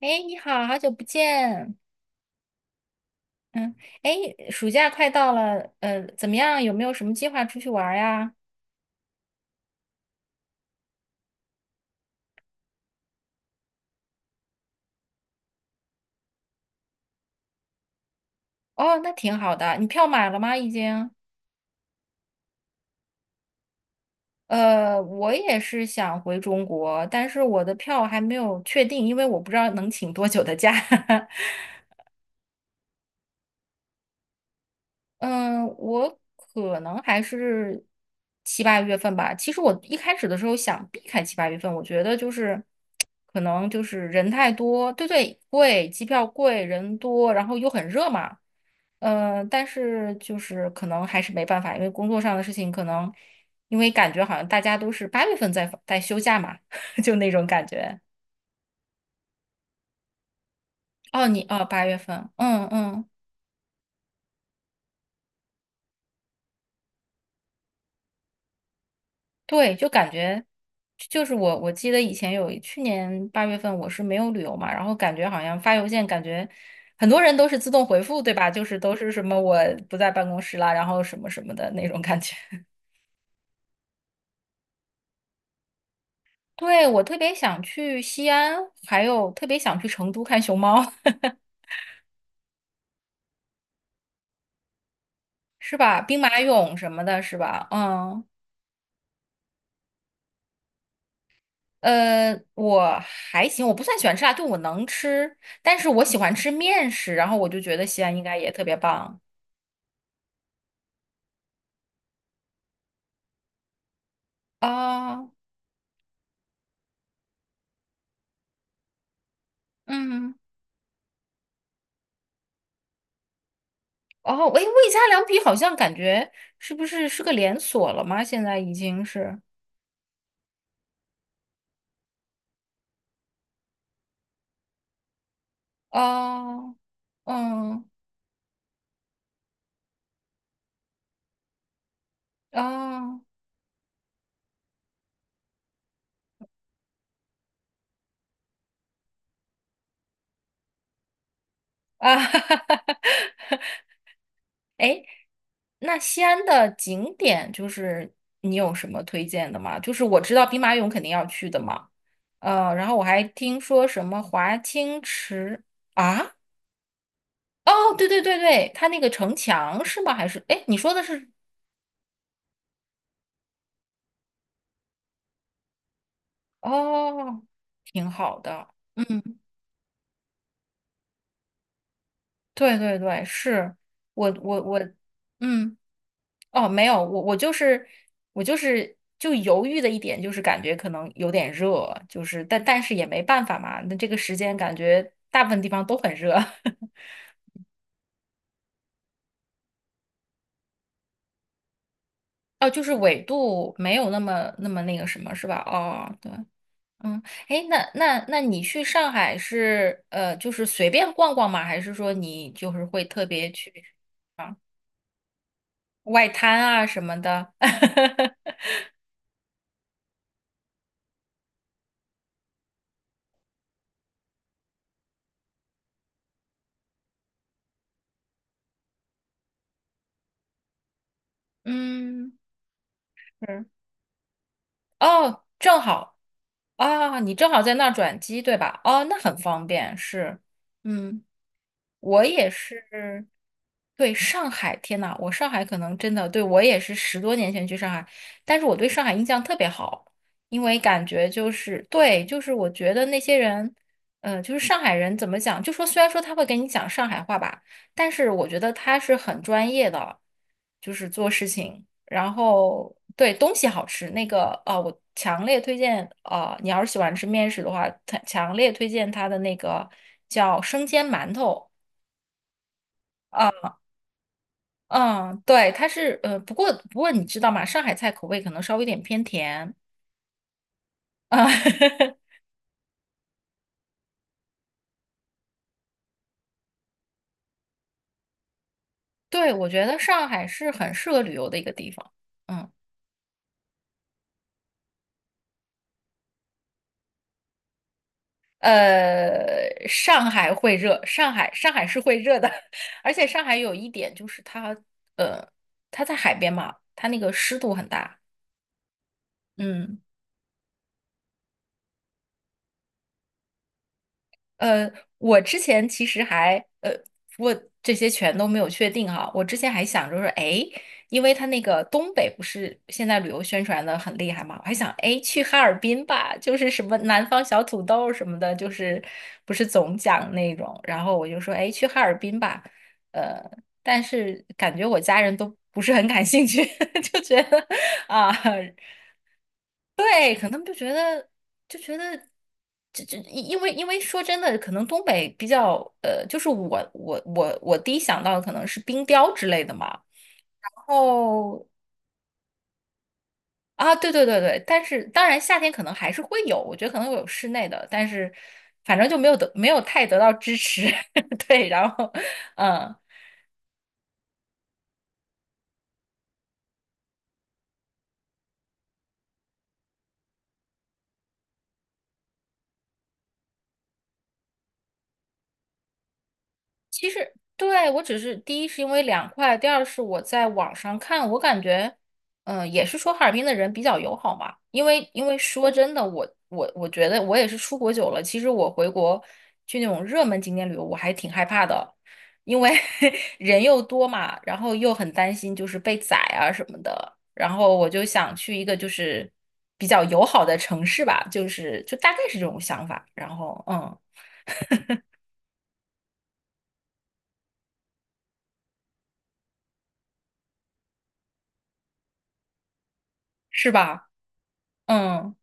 哎，你好，好久不见。嗯，哎，暑假快到了，怎么样？有没有什么计划出去玩儿呀？哦，那挺好的。你票买了吗？已经？我也是想回中国，但是我的票还没有确定，因为我不知道能请多久的假。嗯，我可能还是七八月份吧。其实我一开始的时候想避开七八月份，我觉得就是可能就是人太多，对对，贵，机票贵，人多，然后又很热嘛。嗯，但是就是可能还是没办法，因为工作上的事情，可能因为感觉好像大家都是八月份在休假嘛，就那种感觉。哦，你哦，八月份，嗯嗯。对，就感觉就是我记得以前有去年八月份我是没有旅游嘛，然后感觉好像发邮件，感觉很多人都是自动回复，对吧？就是都是什么我不在办公室啦，然后什么什么的那种感觉。对，我特别想去西安，还有特别想去成都看熊猫，是吧？兵马俑什么的，是吧？嗯，我还行，我不算喜欢吃辣，就我能吃，但是我喜欢吃面食，然后我就觉得西安应该也特别棒啊，嗯。哦，喂，魏家凉皮好像感觉是不是是个连锁了吗？现在已经是哦，嗯，哦，啊，哈哈哈哈，哎，那西安的景点就是你有什么推荐的吗？就是我知道兵马俑肯定要去的嘛，然后我还听说什么华清池啊，哦，对对对对，它那个城墙是吗？还是哎，诶你说的是哦，挺好的。嗯。对对对，是我，嗯，哦，没有，我就是我就是就犹豫的一点就是感觉可能有点热，就是但是也没办法嘛，那这个时间感觉大部分地方都很热，哦，就是纬度没有那么那个什么是吧？哦，对，嗯，哎，那你去上海是就是随便逛逛吗？还是说你就是会特别去外滩啊什么的？嗯。是哦，正好啊，你正好在那儿转机，对吧？哦，那很方便，是，嗯，我也是，对，上海，天呐，我上海可能真的，对，我也是十多年前去上海，但是我对上海印象特别好，因为感觉就是，对，就是我觉得那些人，就是上海人怎么讲，就说虽然说他会给你讲上海话吧，但是我觉得他是很专业的，就是做事情。然后对东西好吃，那个啊、我强烈推荐啊、你要是喜欢吃面食的话，它强烈推荐它的那个叫生煎馒头。啊，嗯，对，它是不过你知道吗？上海菜口味可能稍微有点偏甜啊。对，我觉得上海是很适合旅游的一个地方。嗯，上海会热，上海是会热的，而且上海有一点就是它在海边嘛，它那个湿度很大。嗯。呃，我之前其实还我这些全都没有确定哈。我之前还想着说，哎，因为他那个东北不是现在旅游宣传的很厉害嘛，我还想，哎，去哈尔滨吧，就是什么南方小土豆什么的，就是不是总讲那种。然后我就说，哎，去哈尔滨吧。呃，但是感觉我家人都不是很感兴趣，就觉得啊。对，可能就觉得这，因为说真的，可能东北比较就是我第一想到的可能是冰雕之类的嘛。然后啊，对对对对，但是当然夏天可能还是会有，我觉得可能会有室内的，但是反正就没有太得到支持。对，然后嗯。是对，我只是第一是因为凉快，第二是我在网上看，我感觉，嗯、也是说哈尔滨的人比较友好嘛。因为说真的，我觉得我也是出国久了，其实我回国去那种热门景点旅游，我还挺害怕的，因为 人又多嘛，然后又很担心就是被宰啊什么的。然后我就想去一个就是比较友好的城市吧，就是就大概是这种想法。然后嗯，是吧？嗯。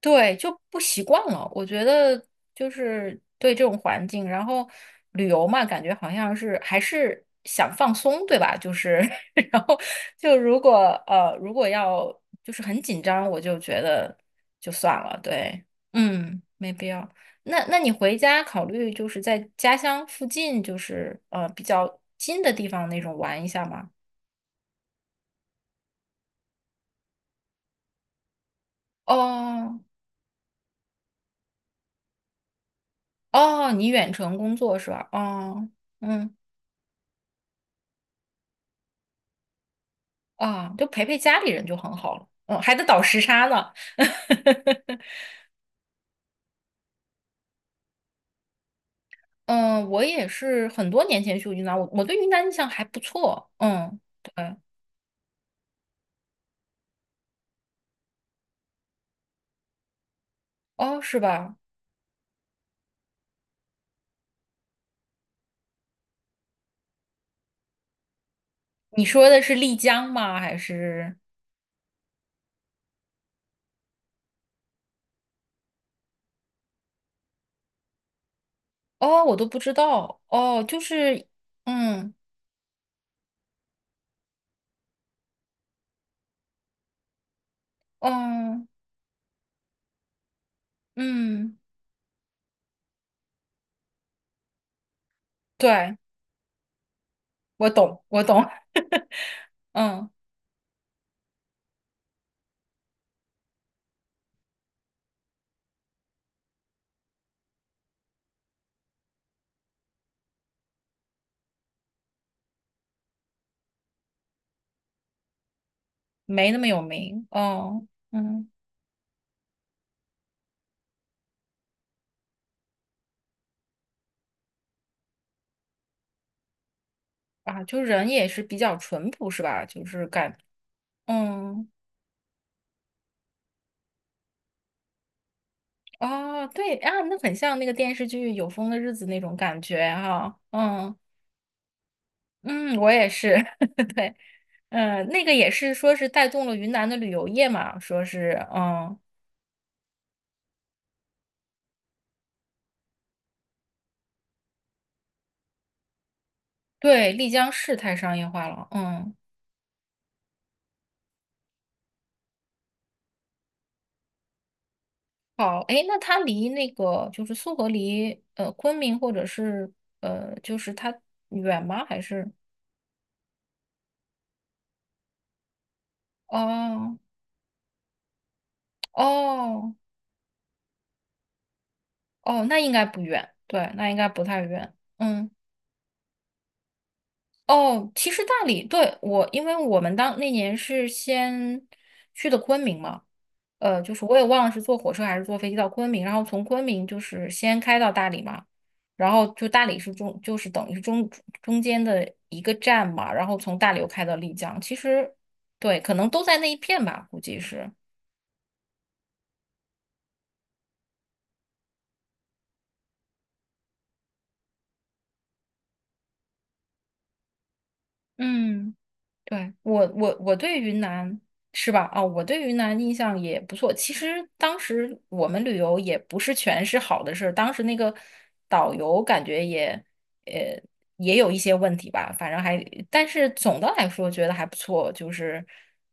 对，就不习惯了。我觉得就是对这种环境，然后旅游嘛，感觉好像是还是想放松，对吧？就是，然后就如果如果要就是很紧张，我就觉得就算了。对，嗯，没必要。那你回家考虑就是在家乡附近，就是比较近的地方那种玩一下吗？哦哦，你远程工作是吧？哦，嗯。啊，就陪陪家里人就很好了。嗯，还得倒时差呢。嗯，我也是很多年前去过云南，我对云南印象还不错。嗯，对，哦，是吧？你说的是丽江吗？还是哦，我都不知道。哦，就是，嗯，嗯，嗯，对，我懂，我懂。嗯，没那么有名。哦，嗯，啊，就人也是比较淳朴，是吧？就是感，嗯。哦，对啊，那很像那个电视剧《有风的日子》那种感觉哈、嗯嗯，我也是，对，嗯，那个也是说是带动了云南的旅游业嘛，说是嗯，对，丽江市太商业化了。嗯，好，诶，那它离那个就是苏河离昆明或者是就是它远吗？还是哦哦哦，那应该不远，对，那应该不太远。嗯。哦，其实大理对我，因为我们当那年是先去的昆明嘛，就是我也忘了是坐火车还是坐飞机到昆明，然后从昆明就是先开到大理嘛，然后就大理是中，就是等于是中间的一个站嘛，然后从大理又开到丽江，其实对，可能都在那一片吧，估计是，嗯。对，我对云南是吧？啊、我对云南印象也不错。其实当时我们旅游也不是全是好的事儿，当时那个导游感觉也呃也有一些问题吧，反正还，但是总的来说觉得还不错，就是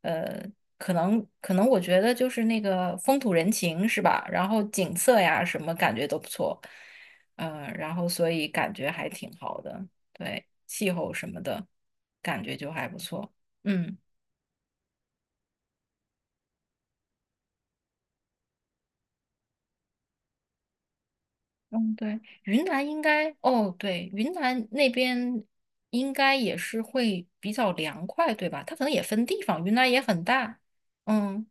呃可能我觉得就是那个风土人情是吧？然后景色呀什么感觉都不错，嗯、然后所以感觉还挺好的。对，气候什么的，感觉就还不错。嗯嗯，对，云南应该，哦，对，云南那边应该也是会比较凉快，对吧？它可能也分地方，云南也很大。嗯，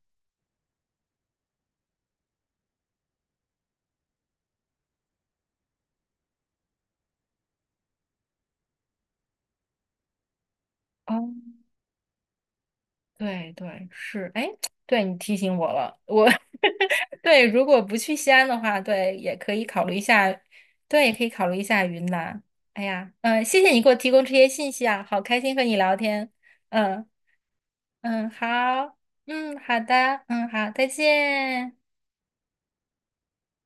哦，对对，是，哎，对你提醒我了，我 对，如果不去西安的话，对，也可以考虑一下，对，也可以考虑一下云南。哎呀，嗯、谢谢你给我提供这些信息啊，好开心和你聊天。嗯。嗯，好，嗯，好的，嗯，好，再见。